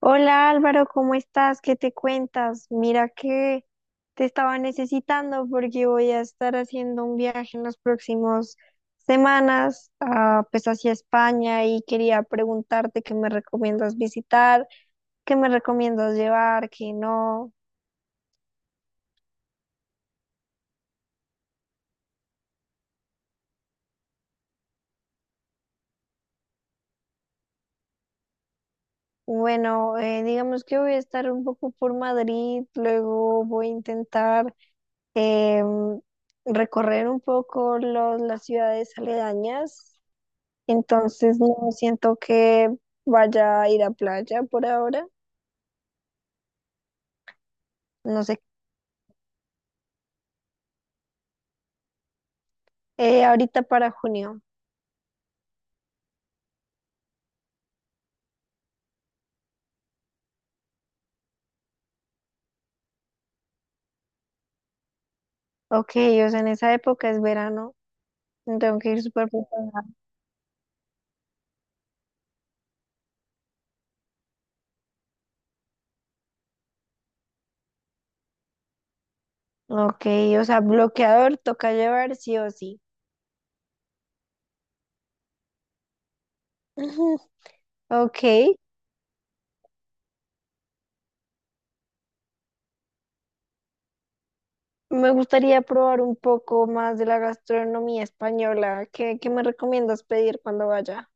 Hola Álvaro, ¿cómo estás? ¿Qué te cuentas? Mira que te estaba necesitando porque voy a estar haciendo un viaje en las próximas semanas, pues hacia España y quería preguntarte qué me recomiendas visitar, qué me recomiendas llevar, qué no. Bueno, digamos que voy a estar un poco por Madrid, luego voy a intentar em, recorrer un poco las ciudades aledañas. Entonces no siento que vaya a ir a playa por ahora. No sé. Ahorita para junio. Ok, o sea, en esa época es verano. Tengo que ir súper preparada. Ok, o sea, bloqueador toca llevar sí o sí. Ujú. Ok, me gustaría probar un poco más de la gastronomía española. ¿Qué, qué me recomiendas pedir cuando vaya?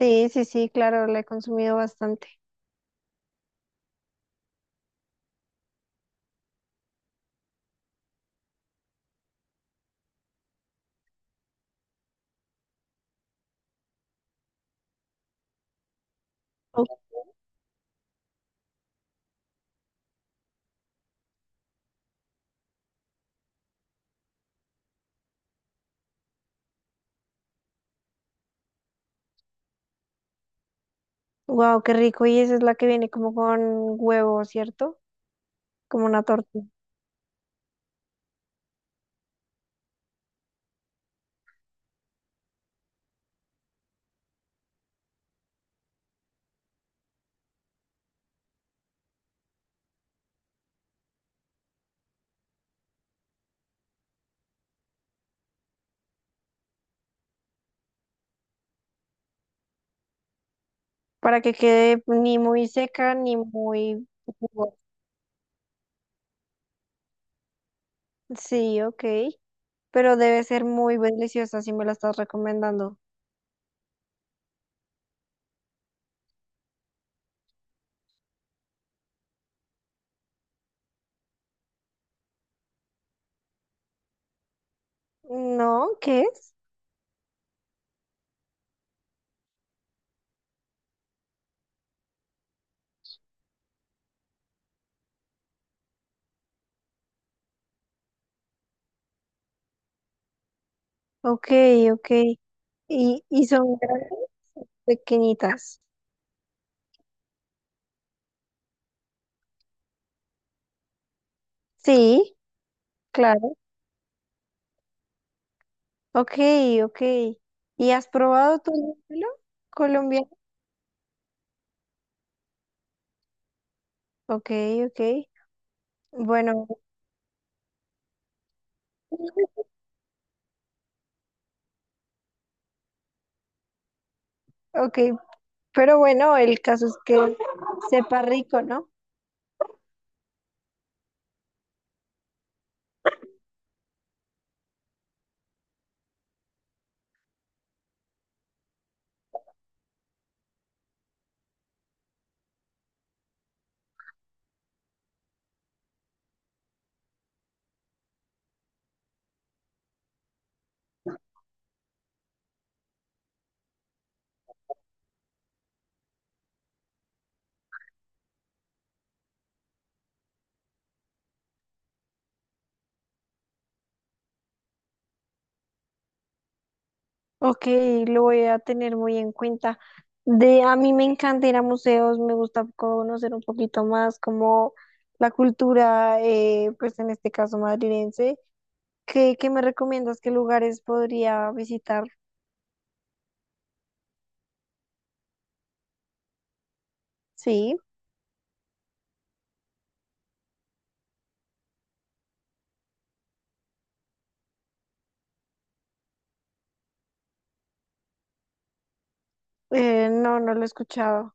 Sí, sí, sí, claro, la he consumido bastante. Wow, qué rico. ¿Y esa es la que viene como con huevo, cierto? Como una torta. Para que quede ni muy seca ni muy jugosa. Sí, ok. Pero debe ser muy deliciosa si me la estás recomendando. No, ¿qué es? Ok, ok. Y son grandes? Pequeñitas. Sí, claro. Ok, ok. ¿Y has probado tu lúpulo colombiano? Ok, ok. Bueno, ok. Pero bueno, el caso es que sepa rico, ¿no? Ok, lo voy a tener muy en cuenta. De, a mí me encanta ir a museos, me gusta conocer un poquito más como la cultura, pues en este caso madrilense. ¿Qué, qué me recomiendas? ¿Qué lugares podría visitar? Sí, no, no lo he escuchado.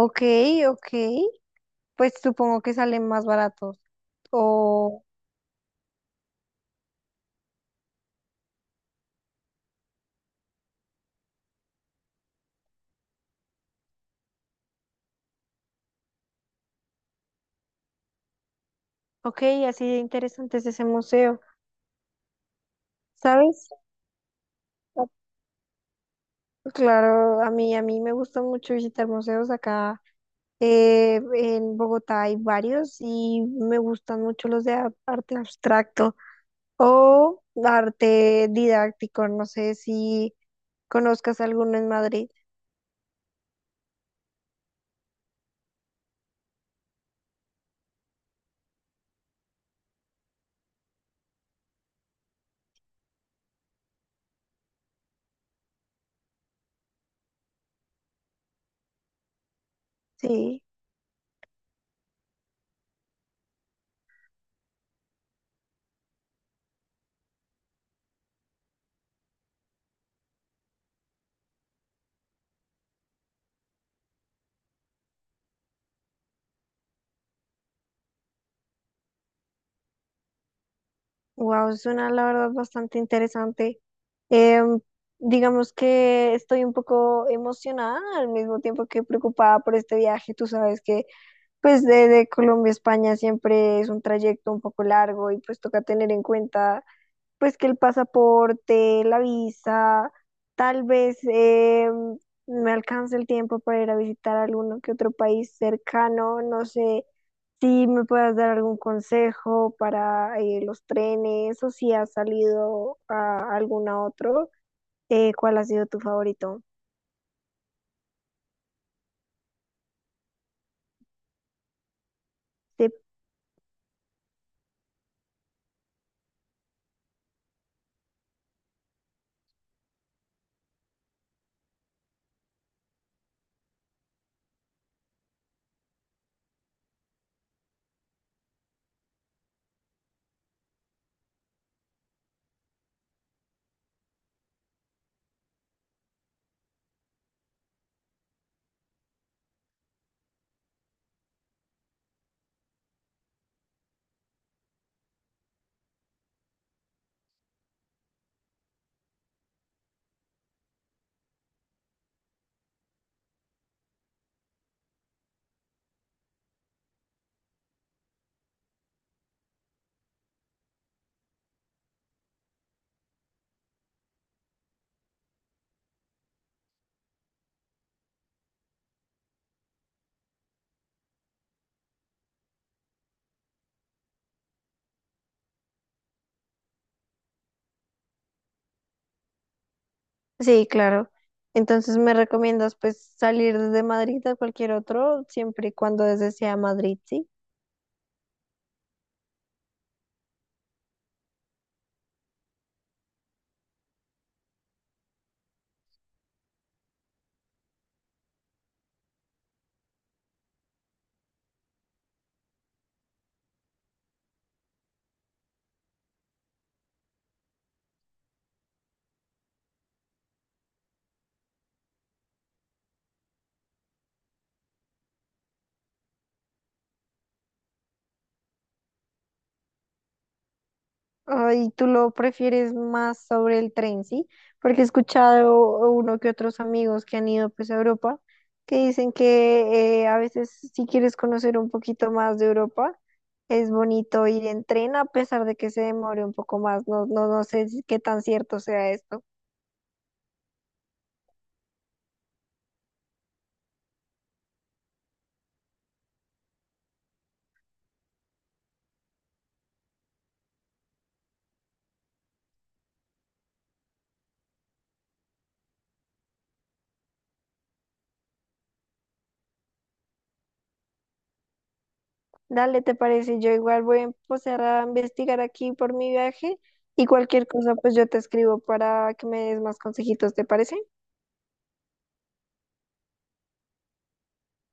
Ok, ok, pues supongo que salen más baratos. O, ok, así de interesante es ese museo, ¿sabes? Claro, a mí me gusta mucho visitar museos acá. En Bogotá hay varios y me gustan mucho los de arte abstracto o arte didáctico. No sé si conozcas alguno en Madrid. Sí, wow, suena la verdad bastante interesante. Em, digamos que estoy un poco emocionada al mismo tiempo que preocupada por este viaje. Tú sabes que pues de Colombia a España siempre es un trayecto un poco largo y pues toca tener en cuenta pues que el pasaporte, la visa, tal vez me alcance el tiempo para ir a visitar alguno que otro país cercano, no sé si me puedas dar algún consejo para los trenes o si has salido a algún otro, ¿cuál ha sido tu favorito? Sí, sí, claro. Entonces me recomiendas pues salir desde Madrid a cualquier otro, siempre y cuando desde sea Madrid, ¿sí? Ay, tú lo prefieres más sobre el tren, ¿sí? Porque he escuchado uno que otros amigos que han ido pues a Europa que dicen que a veces si quieres conocer un poquito más de Europa, es bonito ir en tren a pesar de que se demore un poco más. No, no, no sé si- qué tan cierto sea esto. Dale, ¿te parece? Yo igual voy a empezar a investigar aquí por mi viaje y cualquier cosa pues yo te escribo para que me des más consejitos, ¿te parece?